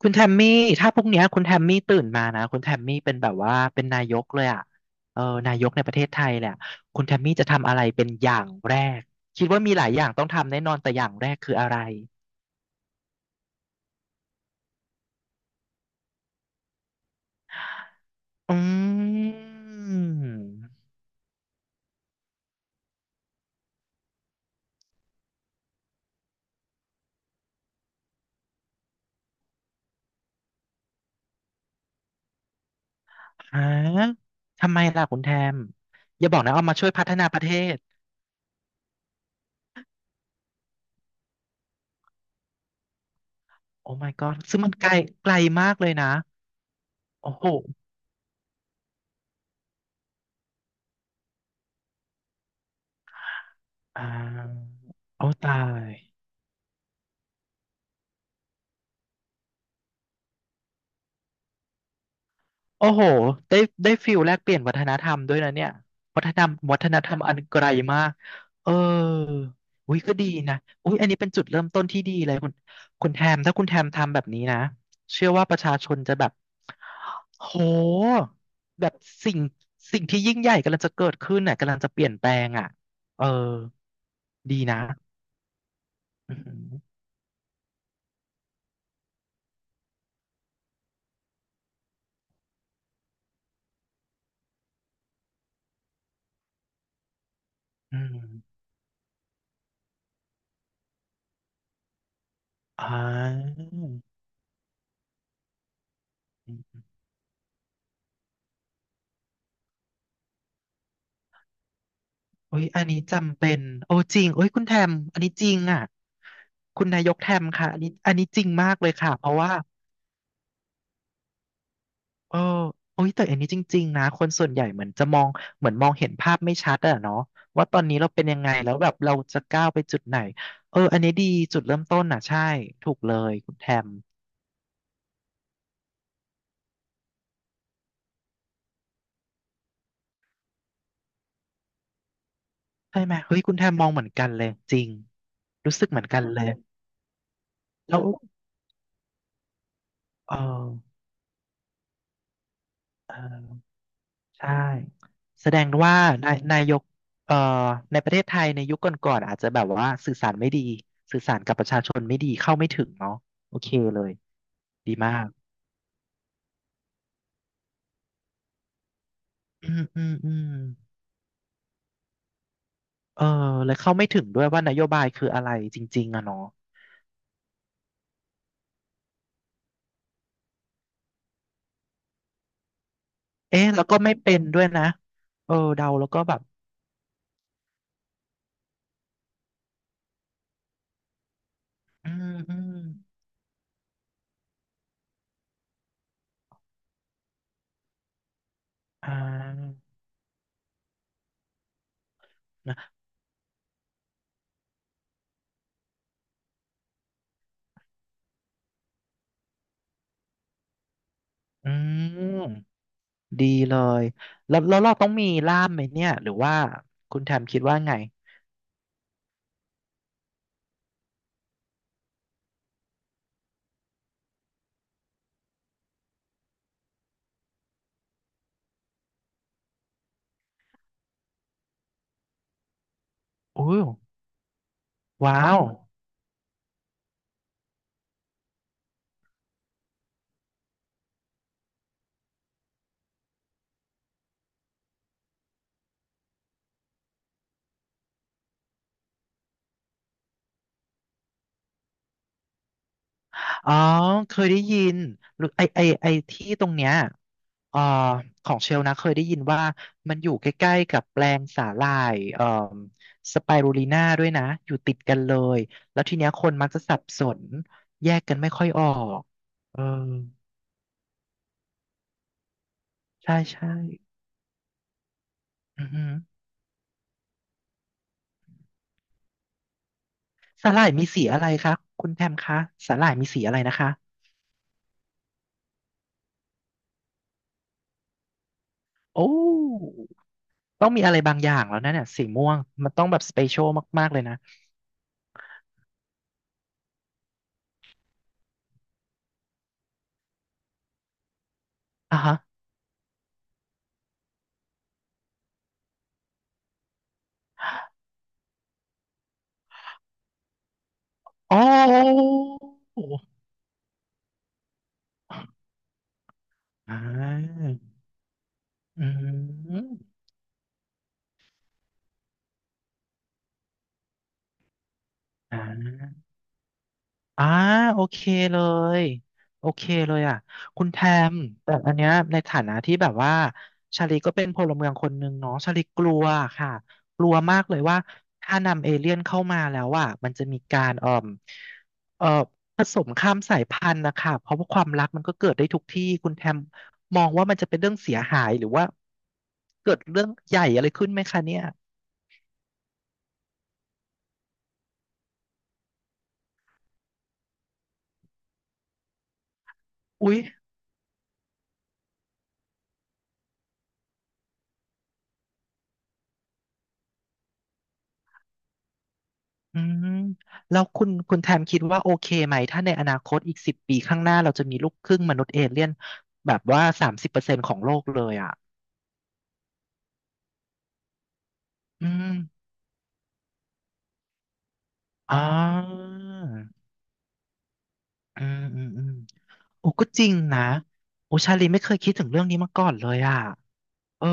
คุณแทมมี่ถ้าพรุ่งเนี้ยคุณแทมมี่ตื่นมานะคุณแทมมี่เป็นแบบว่าเป็นนายกเลยอ่ะเออนายกในประเทศไทยแหลยอะคุณแทมมี่จะทำอะไรเป็นอย่างแรกคิดว่ามีหลายอย่างต้องทำแน่นอนแต่อย่างแรกคืออะไรอืมฮะทำไมล่ะคุณแทมอย่าบอกนะเอามาช่วยพัฒนาประเทศโอ้ my god ซึ่งมันไกลไกลมากเลยนะโอ้โหอ่าเอาตาย โอ้โห ได้ได้ฟิลแลกเปลี่ยนวัฒนธรรมด้วยนะเนี่ยวัฒนธรรมวัฒนธรรมอันไกลมาก เอออุ้ยก็ดีนะอุ้ยอันนี้เป็นจุดเริ่มต้นที่ดีเลยคุณคุณแทมถ้าคุณแทมทำแบบนี้นะเชื่อว่าประชาชนจะแบบโหแบบสิ่งสิ่งที่ยิ่งใหญ่กำลังจะเกิดขึ้นน่ะกำลังจะเปลี่ยนแปลงอ่ะเออดีนะอืมอหืออืมอ่า โอ้ยอันนี้จำเป็นโอ้จริงโอ้ยคุณแทมอันนี้จริงอ่ะ คุณนายกแทมค่ะอันนี้อันนี้จริงมากเลยค่ะเพราะว่าเออโอ้ยแต่อันนี้จริงๆนะคนส่วนใหญ่เหมือนจะมองเหมือนมองเห็นภาพไม่ชัดอะเนาะว่าตอนนี้เราเป็นยังไงแล้วแบบเราจะก้าวไปจุดไหนเอออันนี้ดีจุดเริ่มต้นอ่ะใช่ ถูกเลยคุณแทมใช่ไหมเฮ้ยคุณแทมมองเหมือนกันเลยจริงรู้สึกเหมือนกันเลยแล้วเออเออ ใช่แสดงว่านายกเอ่อในประเทศไทยในยุคก่อนๆอาจจะแบบว่าสื่อสารไม่ดีสื่อสารกับประชาชนไม่ดีเข้าไม่ถึงเนาะโอเคเลยดีมากอืมอืมอืมเออแล้วเข้าไม่ถึงด้วยว่านโยบายคืออะไรจริงๆอะเนาะเอ๊ะแล้วก็ไม่เป็นด้วยนะเออเดาแล้วก็แบบอืมอืมอ่านะอืมดีเลยแล้วเราต้องมีล่ามไหมเนี่ยหรือว่าคุณแทมคิดว่าไงอู้ว้าว อ๋อเคยได้ยินหรือไอที่ตรงเนี้ยเอ่อของเชลนะเคยได้ยินว่ามันอยู่ใกล้ๆกับแปลงสาหร่ายสไปรูลิน่าด้วยนะอยู่ติดกันเลยแล้วทีเนี้ยคนมักจะสับสนแยกกันไม่ค่อยออกเออใช่ใช่อือหือสาหร่ายมีสีอะไรคะคุณแพมคะสาหร่ายมีสีอะไรนะคะโอ้ต้องมีอะไรบางอย่างแล้วนะเนี่ยสีม่วงมันต้องแบบสเปเชียลมากๆเลยนะอ่ะฮะ อ๋ออ่าอืมอ่าอ่าโอเคเลย โอเคเลยอ่ะคุณแทมแต่อันเนี้ยในฐานะที่แบบว่าชาลีก็เป็นพลเมืองคนหนึ่งเนาะชาลีกลัวค่ะกลัวมากเลยว่าถ้านำเอเลี่ยนเข้ามาแล้วอ่ะมันจะมีการเอ่อผสมข้ามสายพันธุ์นะคะ เพราะว่าความรักมันก็เกิดได้ทุกที่ คุณแทมมองว่ามันจะเป็นเรื่องเสียหายหรือว่า เกิดเรื่องใหญ่อะไรขึ้นไหมคะเนี่ย อุ๊ยอืมแล้วคุณแทมคิดว่าโอเคไหมถ้าในอนาคตอีก10 ปีข้างหน้าเราจะมีลูกครึ่งมนุษย์เอเลี่ยนแบบว่า30%ของโลกเลยอ่ะ อืมอ๋ออืม อืมอืมโอ้ก็จริงนะโอชาลีไม่เคยคิดถึงเรื่องนี้มาก่อนเลยอ่ะ เออ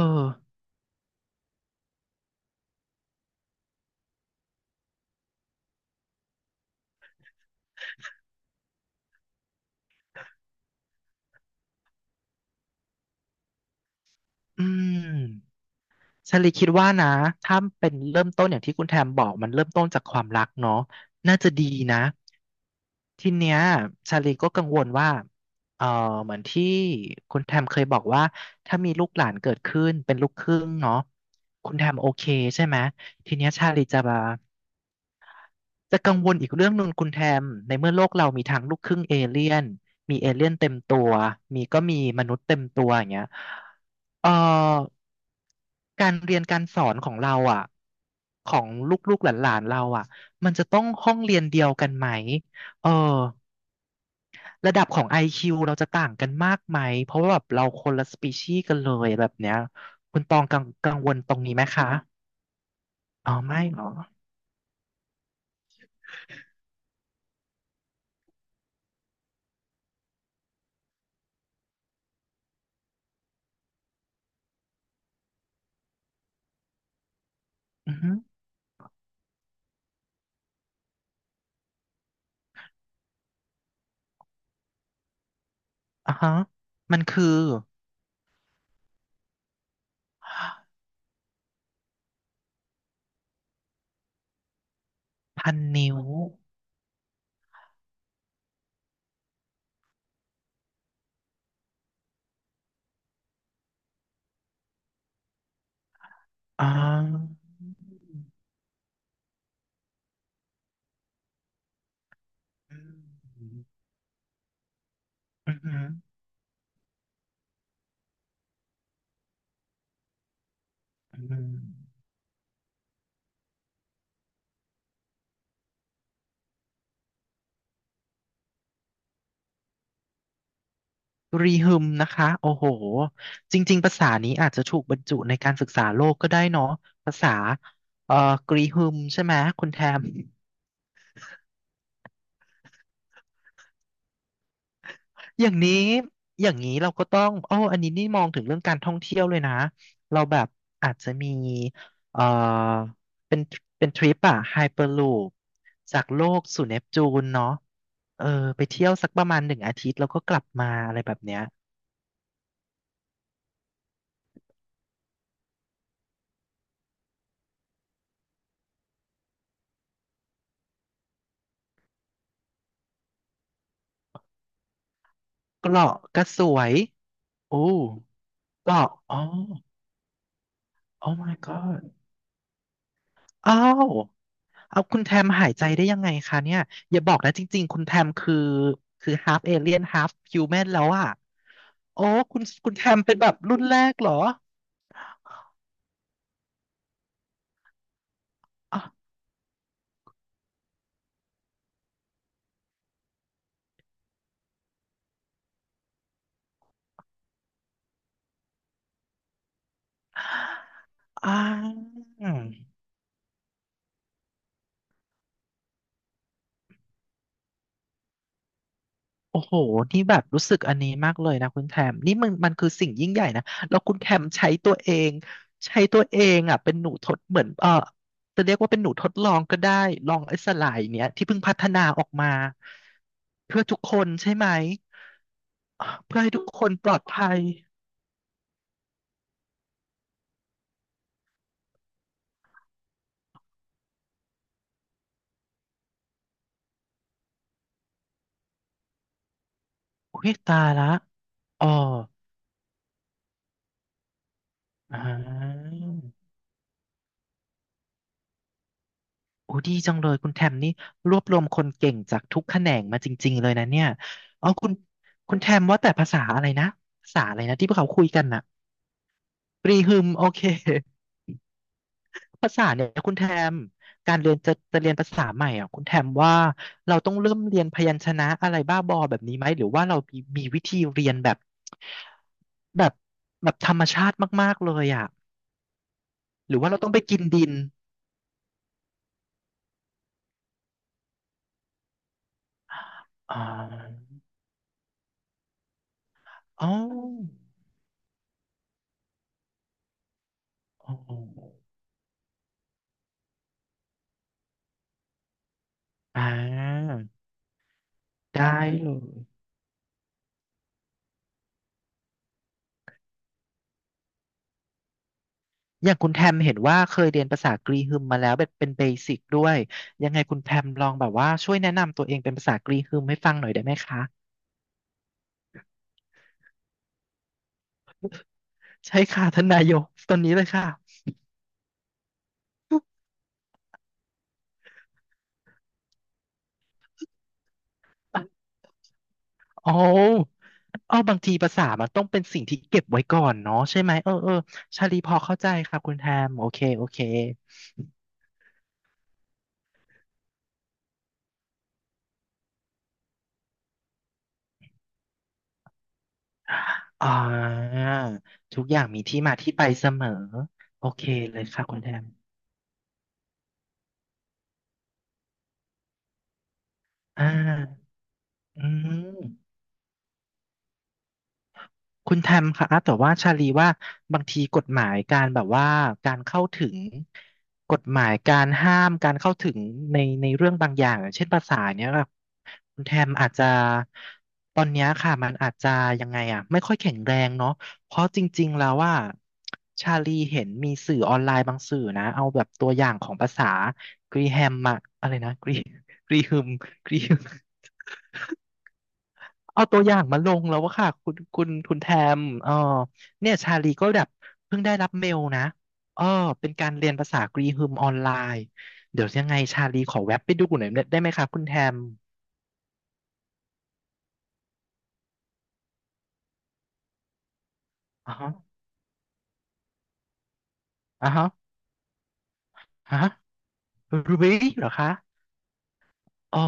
อืม ชาลีคิดว่านะถ้าเป็นเริ่มต้นอย่างที่คุณแทมบอกมันเริ่มต้นจากความรักเนาะน่าจะดีนะ ทีเนี้ยชาลีก็กังวลว่าเออเหมือนที่คุณแทมเคยบอกว่าถ้ามีลูกหลานเกิดขึ้นเป็นลูกครึ่งเนาะคุณแทมโอเคใช่ไหมทีเนี้ยชาลีจะมาจะกังวลอีกเรื่องหนึ่งคุณแทมในเมื่อโลกเรามีทั้งลูกครึ่งเอเลี่ยนมีเอเลี่ยนเต็มตัวมีก็มีมนุษย์เต็มตัวอย่างเงี้ยเอ่อการเรียนการสอนของเราอ่ะของลูกๆหลานๆเราอ่ะมันจะต้องห้องเรียนเดียวกันไหมเออ ระดับของ IQ เราจะต่างกันมากไหมเพราะว่าแบบเราคนละสปีชีส์กันเลยแบบเนี้ยคุณตองกังวลตรงนี้ไหมคะอ๋อไม่เหรออือฮึอ่าฮะมันคือพันนิ้วอ่าอืมอือฮึอืมรีฮึมนะคะโอ้โหจริงๆภาษานี้อาจจะถูกบรรจุในการศึกษาโลกก็ได้เนาะภาษาเอ่อกรีฮึมใช่ไหมคุณแทม อย่างนี้อย่างนี้เราก็ต้องโอ้ออันนี้นี่มองถึงเรื่องการท่องเที่ยวเลยนะ เราแบบอาจจะมีเอ่อเป็นเป็นทริปอะไฮเปอร์ลูปจากโลกสู่เนปจูนเนาะเออไปเที่ยวสักประมาณ1 อาทิตย์แล้วก็กลับมาอะไรแบบเนี้ยเกาะก็สวยโอ้เกาะอ๋อ oh my god อ้าว เอาคุณแทมหายใจได้ยังไงคะเนี่ยอย่าบอกนะจริงๆคุณแทมคือhalf alien half human แล้วอ่ะโอ้คุณแทมเป็นแบบรุ่นแรกเหรออ่ะอ่าโอ้โหนี่แบบรู้สึกอันนี้มากเลยนะคุณแทมนี่มันคือสิ่งยิ่งใหญ่นะแล้วคุณแทมใช้ตัวเองอ่ะเป็นหนูทดเหมือนจะเรียกว่าเป็นหนูทดลองก็ได้ลองไอ้สลายเนี้ยที่เพิ่งพัฒนาออกมาเพื่อทุกคนใช่ไหม เพื่อให้ทุกคนปลอดภัยอุ้ยตายละอ๋ออ่าโอ้ดีจังเลยคุณแทมนี่รวบรวมคนเก่งจากทุกแขนงมาจริงๆเลยนะเนี่ยอ๋อคุณแทมว่าแต่ภาษาอะไรนะ ภาษาอะไรนะที่พวกเขาคุยกันน่ะปรีฮึมโอเคภาษาเนี่ยคุณแทมการเรียนจะเรียนภาษาใหม่อ่ะคุณแทมว่าเราต้องเริ่มเรียนพยัญชนะอะไรบ้าบอแบบนี้ไหมหรือว่าเรามีวิธีเรียนแบบแบบแบบธรรมชาติมากๆเลยอ่ะ หรือว่าเราต้องไปกินดินอ๋ออ๋ออ๋ออ่าได้เลย อย่างคุณแทมเห็นว่าเคยเรียนภาษากรีฮึมมาแล้วแบบเป็นเบสิกด้วย ยังไงคุณแพมลองแบบว่าช่วยแนะนำตัวเองเป็นภาษากรีฮึมให้ฟังหน่อยได้ไหมคะใช่ค่ะ ท่านนายกตอนนี้เลยค่ะ โอ้เอาบางทีภาษามันต้องเป็นสิ่งที่เก็บไว้ก่อนเนาะใช่ไหมเออเออชาลีพอเข้าใจครับคุณแทมโอเคโอเค อ่าทุกอย่างมีที่มาที่ไปเสมอโอเคเลยค่ะคุณแทมอ่าอืม คุณแทมคะแต่ว่าชาลีว่าบางทีกฎหมายการแบบว่าการเข้าถึงกฎหมายการห้ามการเข้าถึงในเรื่องบางอย่างอย่างเช่นภาษาเนี้ยค่ะคุณแทมอาจจะตอนเนี้ยค่ะมันอาจจะยังไงอ่ะไม่ค่อยแข็งแรงเนาะเพราะจริงๆแล้วว่าชาลีเห็นมีสื่อออนไลน์บางสื่อนะเอาแบบตัวอย่างของภาษากรีแฮมอะอะไรนะกรีฮึมกรีฮึม เอาตัวอย่างมาลงแล้วว่าค่ะคุณแทมเนี่ยชาลีก็แบบเพิ่งได้รับเมลนะเออเป็นการเรียนภาษากรีฮึมออนไลน์เดี๋ยวยังไงชาลีขอแวบไปดูหน่อยได้ไหมคะคุณแทมอ๋ะอ๋อฮะฮะรูบี้ไหเหรอคะอ๋อ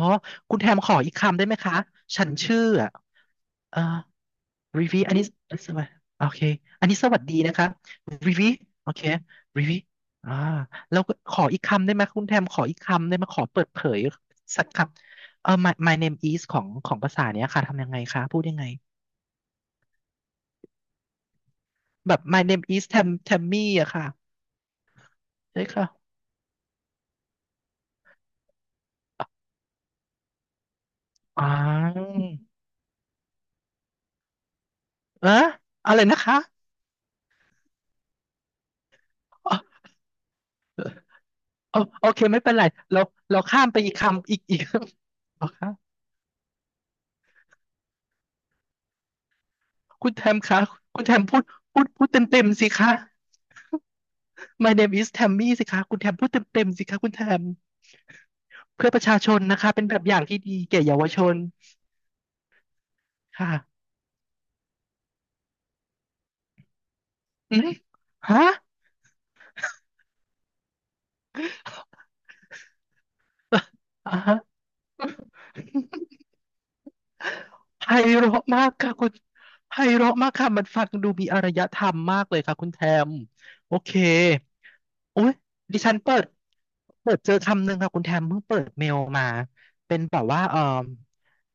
คุณแทมขออีกคำได้ไหมคะฉันชื่ออะเออ รีวีอันนี้สวัสดีโอเคอันนี้สวัสดีนะคะรีวีโอเครีวีอ่าแล้วก็ขออีกคำได้ไหมคุณแทมขออีกคำได้ไหมขอเปิดเผยสักคำเออ my name is ของภาษาเนี้ยค่ะ ทำยังไงคะพูดยังไงแบบ my name is t a ม t ทมมีอะค่ะใช่ค่ะ อ่าเอออะไรนะคะอ๋ออ๋อโอเค ไม่เป็นไรเราข้ามไปอีกคำอีกเหรอคะคุณแทมคะคุณแทมพูดพูดเต็มสิคะ My name is Tammy สิคะคุณแทมพูดเต็มๆสิคะคุณแทมเพื่อประชาชนนะคะเป็นแบบอย่างที่ดีแก่เยาวชนค่ะอืมฮะ อ่าฮะ ไพเราะมากค่ะคุณไพเราะมากค่ะมันฟังดูมีอารยธรรมมากเลยค่ะคุณแทมโอเคโอ้ยดิฉันเปิดเจอคำหนึ่งค่ะคุณแทมเพิ่งเปิดเมลมาเป็นแบบว่าเออ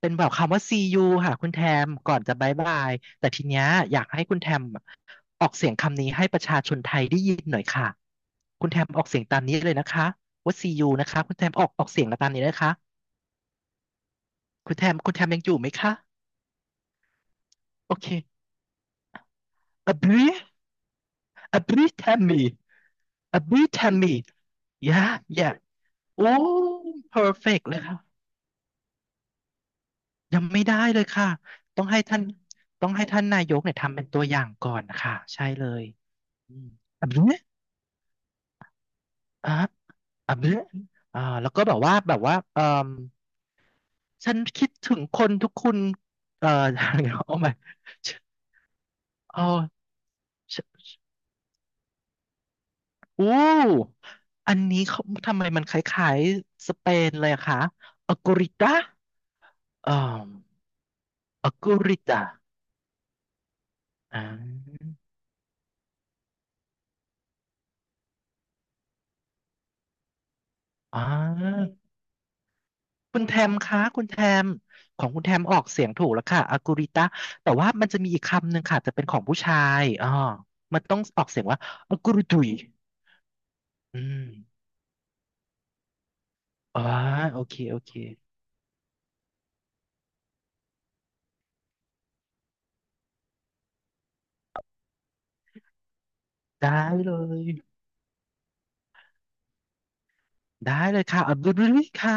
เป็นแบบคำว่า see you ค่ะคุณแทมก่อนจะบายบายแต่ทีเนี้ยอยากให้คุณแทมออกเสียงคำนี้ให้ประชาชนไทยได้ยินหน่อยค่ะคุณแทมออกเสียงตามนี้เลยนะคะว่า see you นะคะคุณแทมออกเสียงตามนี้นะคะคุณแทมยังอยู่ไหมคะโอเคอบรี A brief Tammy. A brief Tammy. Yeah, yeah. โอ้ perfect เลยครับยังไม่ได้เลยค่ะต้องให้ท่านนายกเนี่ยทำเป็นตัวอย่างก่อนค่ะใช่เลยอืมอับเนี้ยอ่ะอับเนี้ยอ่าแล้วก็แบบว่าเออฉันคิดถึงคนทุกคนเอ่ออะไรเงี้ยเอาหมาเอาฉันโอ้อันนี้เขาทำไมมันคล้ายๆสเปนเลยอะคะอัลกอริตาอ่า ออกูริตาอ่าอ่าคุณแทมคะคุณแทมของคุณแทมออกเสียงถูกแล้วค่ะอากูริตาแต่ว่ามันจะมีอีกคำหนึ่งค่ะจะเป็นของผู้ชายอ๋อมันต้องออกเสียงว่าอากูริตุยอืมอ๋อโอเค ได้เลย ค่ะอากูริค่ะ